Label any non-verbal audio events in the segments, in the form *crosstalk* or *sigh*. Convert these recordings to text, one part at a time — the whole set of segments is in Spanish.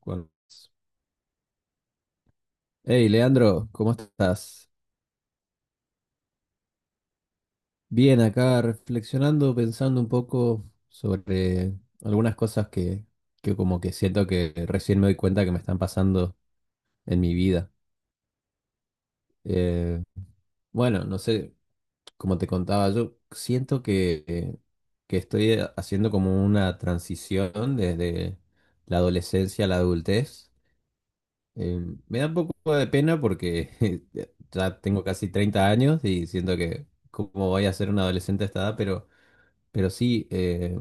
Cuervos. Hey, Leandro, ¿cómo estás? Bien, acá reflexionando, pensando un poco sobre algunas cosas que como que siento que recién me doy cuenta que me están pasando en mi vida. Eh, bueno, no sé, como te contaba, yo siento que estoy haciendo como una transición desde la adolescencia a la adultez. Eh, Me da un poco de pena porque *laughs* ya tengo casi 30 años y siento que como voy a ser un adolescente a esta edad, pero sí,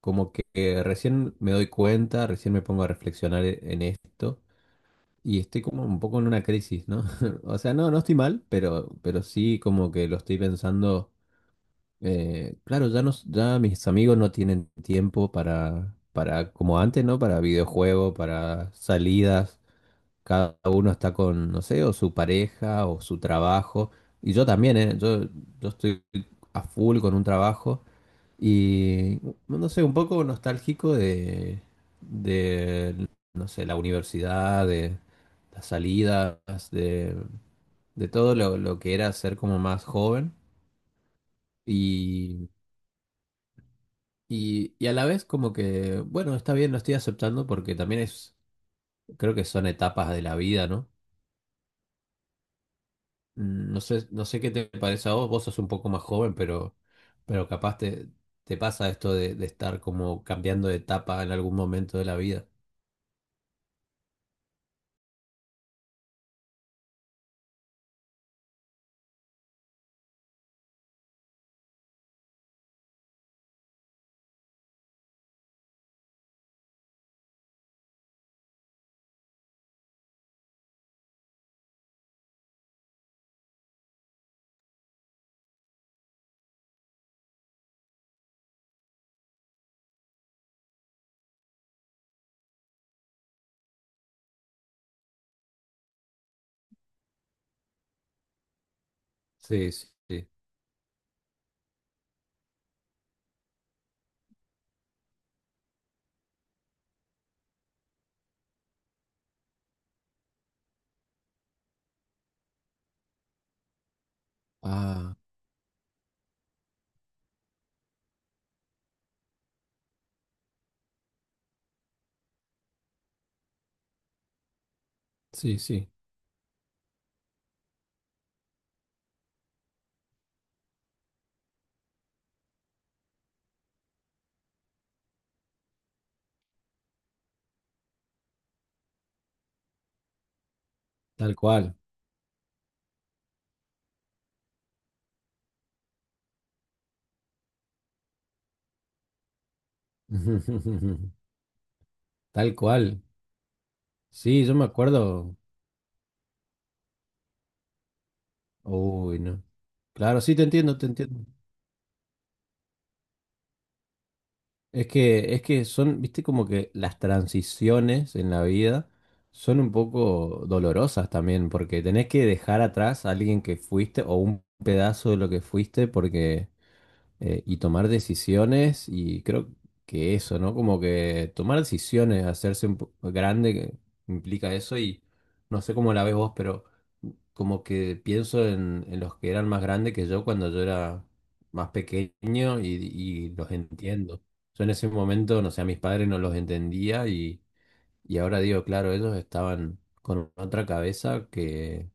como que recién me doy cuenta, recién me pongo a reflexionar en esto y estoy como un poco en una crisis, ¿no? *laughs* O sea, no estoy mal, pero sí como que lo estoy pensando. Claro, ya, no, ya mis amigos no tienen tiempo para, como antes, ¿no? Para videojuegos, para salidas. Cada uno está con, no sé, o su pareja o su trabajo. Y yo también, ¿eh? Yo estoy a full con un trabajo y, no sé, un poco nostálgico de no sé, la universidad, de las salidas, de, de todo lo que era ser como más joven. Y, y a la vez como que, bueno, está bien, lo estoy aceptando porque también es, creo que son etapas de la vida, ¿no? No sé, no sé qué te parece a vos, vos sos un poco más joven, pero capaz te pasa esto de estar como cambiando de etapa en algún momento de la vida. Sí, sí, sí. Ah, sí, sí, tal cual. *laughs* Tal cual. Sí, yo me acuerdo. Uy, no. Claro, sí, te entiendo, te entiendo. Es que son, viste, como que las transiciones en la vida son un poco dolorosas también, porque tenés que dejar atrás a alguien que fuiste o un pedazo de lo que fuiste, porque y tomar decisiones y creo que eso, ¿no? Como que tomar decisiones, hacerse un grande que implica eso y no sé cómo la ves vos, pero como que pienso en los que eran más grandes que yo cuando yo era más pequeño y los entiendo. Yo en ese momento, no sé, a mis padres no los entendía y ahora digo, claro, ellos estaban con otra cabeza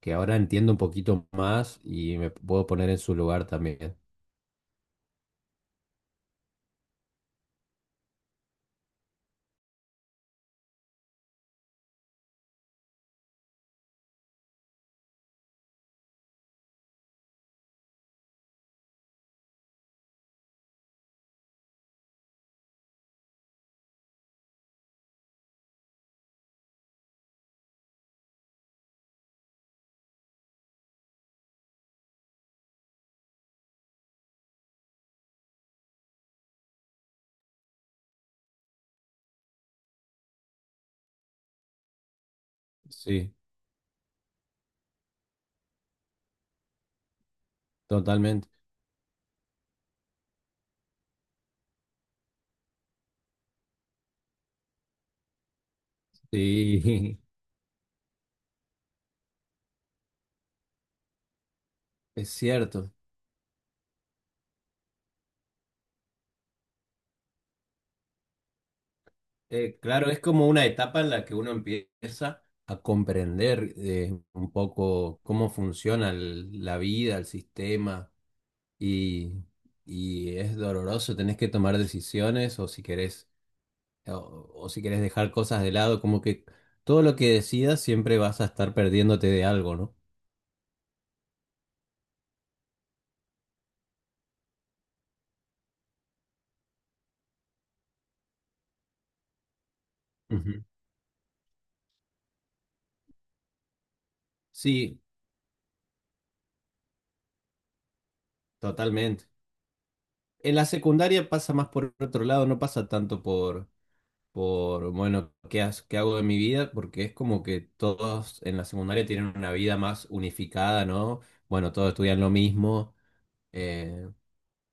que ahora entiendo un poquito más y me puedo poner en su lugar también. Sí. Totalmente. Sí, *laughs* es cierto. Claro, es como una etapa en la que uno empieza a comprender un poco cómo funciona la vida, el sistema, y, y es doloroso, tenés que tomar decisiones o, o si querés dejar cosas de lado, como que todo lo que decidas siempre vas a estar perdiéndote de algo, ¿no? Ujú. Sí, totalmente. En la secundaria pasa más por otro lado, no pasa tanto por, bueno, qué, qué hago de mi vida, porque es como que todos en la secundaria tienen una vida más unificada, ¿no? Bueno, todos estudian lo mismo, eh,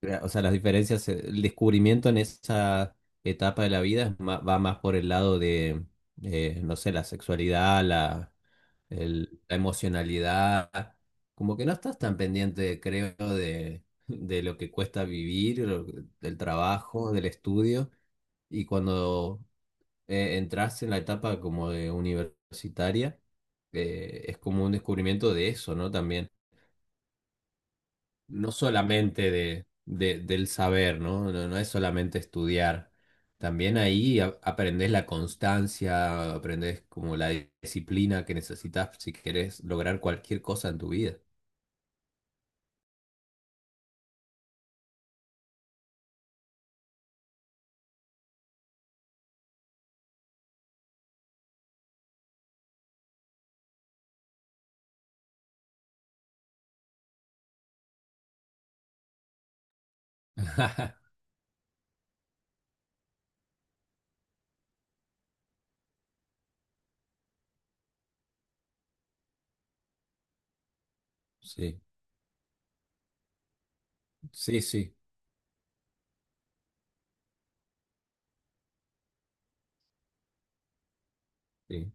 o sea, las diferencias, el descubrimiento en esa etapa de la vida es va más por el lado de, no sé, la sexualidad, la emocionalidad, como que no estás tan pendiente, creo, de lo que cuesta vivir, del trabajo, del estudio. Y cuando entras en la etapa como de universitaria, es como un descubrimiento de eso, ¿no? También, no solamente de, del saber, ¿no? No, no es solamente estudiar. También ahí aprendes la constancia, aprendes como la disciplina que necesitas si querés lograr cualquier cosa en tu vida. *laughs* Sí, sí, sí, sí,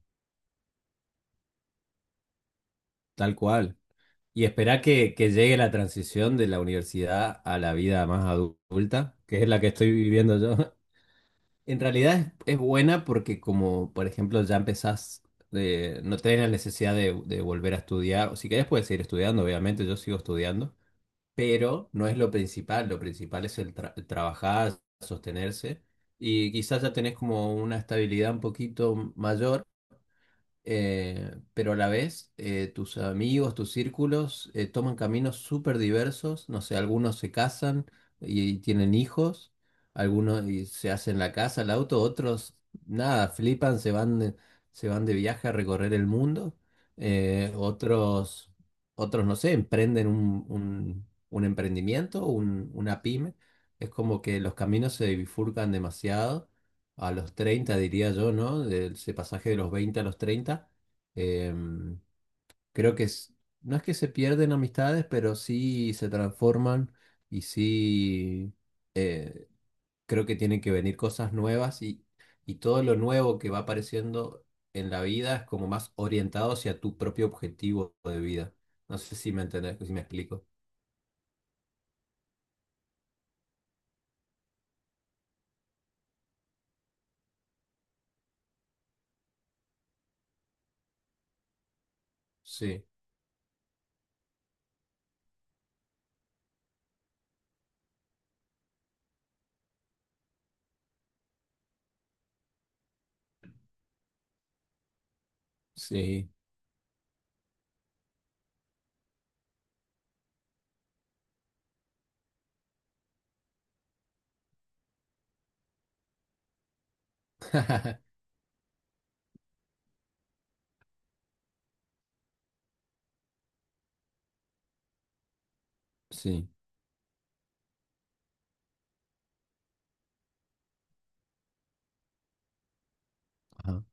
tal cual. Y esperá que llegue la transición de la universidad a la vida más adulta, que es la que estoy viviendo yo. *laughs* En realidad es buena porque como, por ejemplo, ya empezás, no tenés la necesidad de volver a estudiar, o si querés puedes seguir estudiando, obviamente yo sigo estudiando, pero no es lo principal es el, el trabajar, sostenerse, y quizás ya tenés como una estabilidad un poquito mayor. Pero a la vez tus amigos, tus círculos toman caminos súper diversos, no sé, algunos se casan y tienen hijos, algunos y se hacen la casa, el auto, otros nada, flipan, se van de viaje a recorrer el mundo, eh, otros, otros, no sé, emprenden un emprendimiento, una pyme, es como que los caminos se bifurcan demasiado a los 30 diría yo, ¿no? De ese pasaje de los 20 a los 30. Em, Creo que no es que se pierden amistades, pero sí se transforman y sí eh, creo que tienen que venir cosas nuevas y todo lo nuevo que va apareciendo en la vida es como más orientado hacia tu propio objetivo de vida. No sé si me entendés, si me explico. Sí, sí, *laughs* sí. Ajá.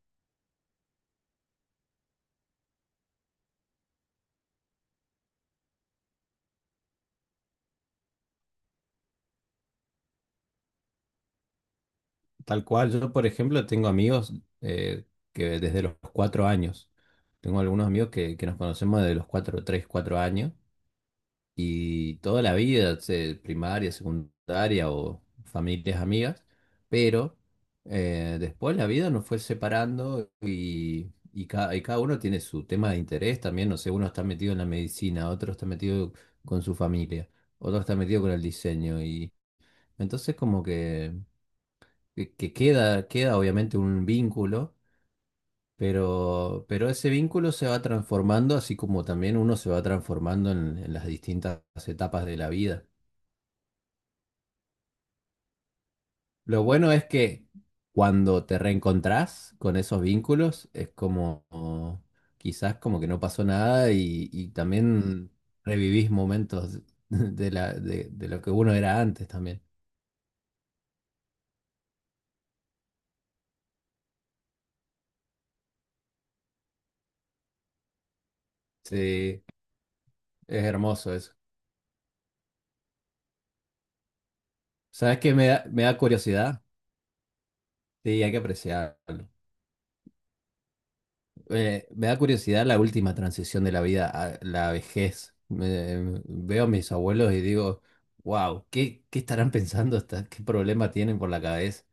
Tal cual, yo por ejemplo tengo amigos eh, que desde los 4 años, tengo algunos amigos que nos conocemos desde los 4, 3, 4 años y toda la vida, primaria, secundaria o familias amigas, pero después la vida nos fue separando y, y cada uno tiene su tema de interés también, no sé, uno está metido en la medicina, otro está metido con su familia, otro está metido con el diseño y entonces como que queda obviamente un vínculo, pero ese vínculo se va transformando, así como también uno se va transformando en las distintas etapas de la vida. Lo bueno es que cuando te reencontrás con esos vínculos, es como quizás como que no pasó nada y, y también revivís momentos *laughs* de de lo que uno era antes también. Sí, es hermoso eso. ¿Sabes qué me da curiosidad? Sí, hay que apreciarlo. Me da curiosidad la última transición de la vida a la vejez. Veo a mis abuelos y digo, wow, ¿qué estarán pensando? ¿Qué problema tienen por la cabeza?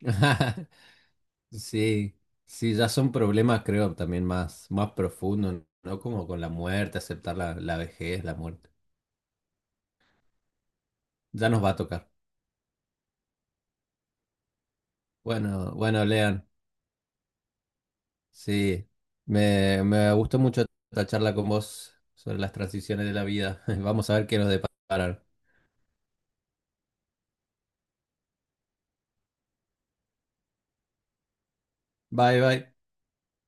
*laughs* Sí, sí, ya son problemas, creo, también más, más profundos, ¿no? Como con la muerte, aceptar la vejez, la muerte. Ya nos va a tocar. Bueno, bueno, Lean, sí, me gustó mucho esta charla con vos sobre las transiciones de la vida. *laughs* Vamos a ver qué nos deparan. Bye, bye.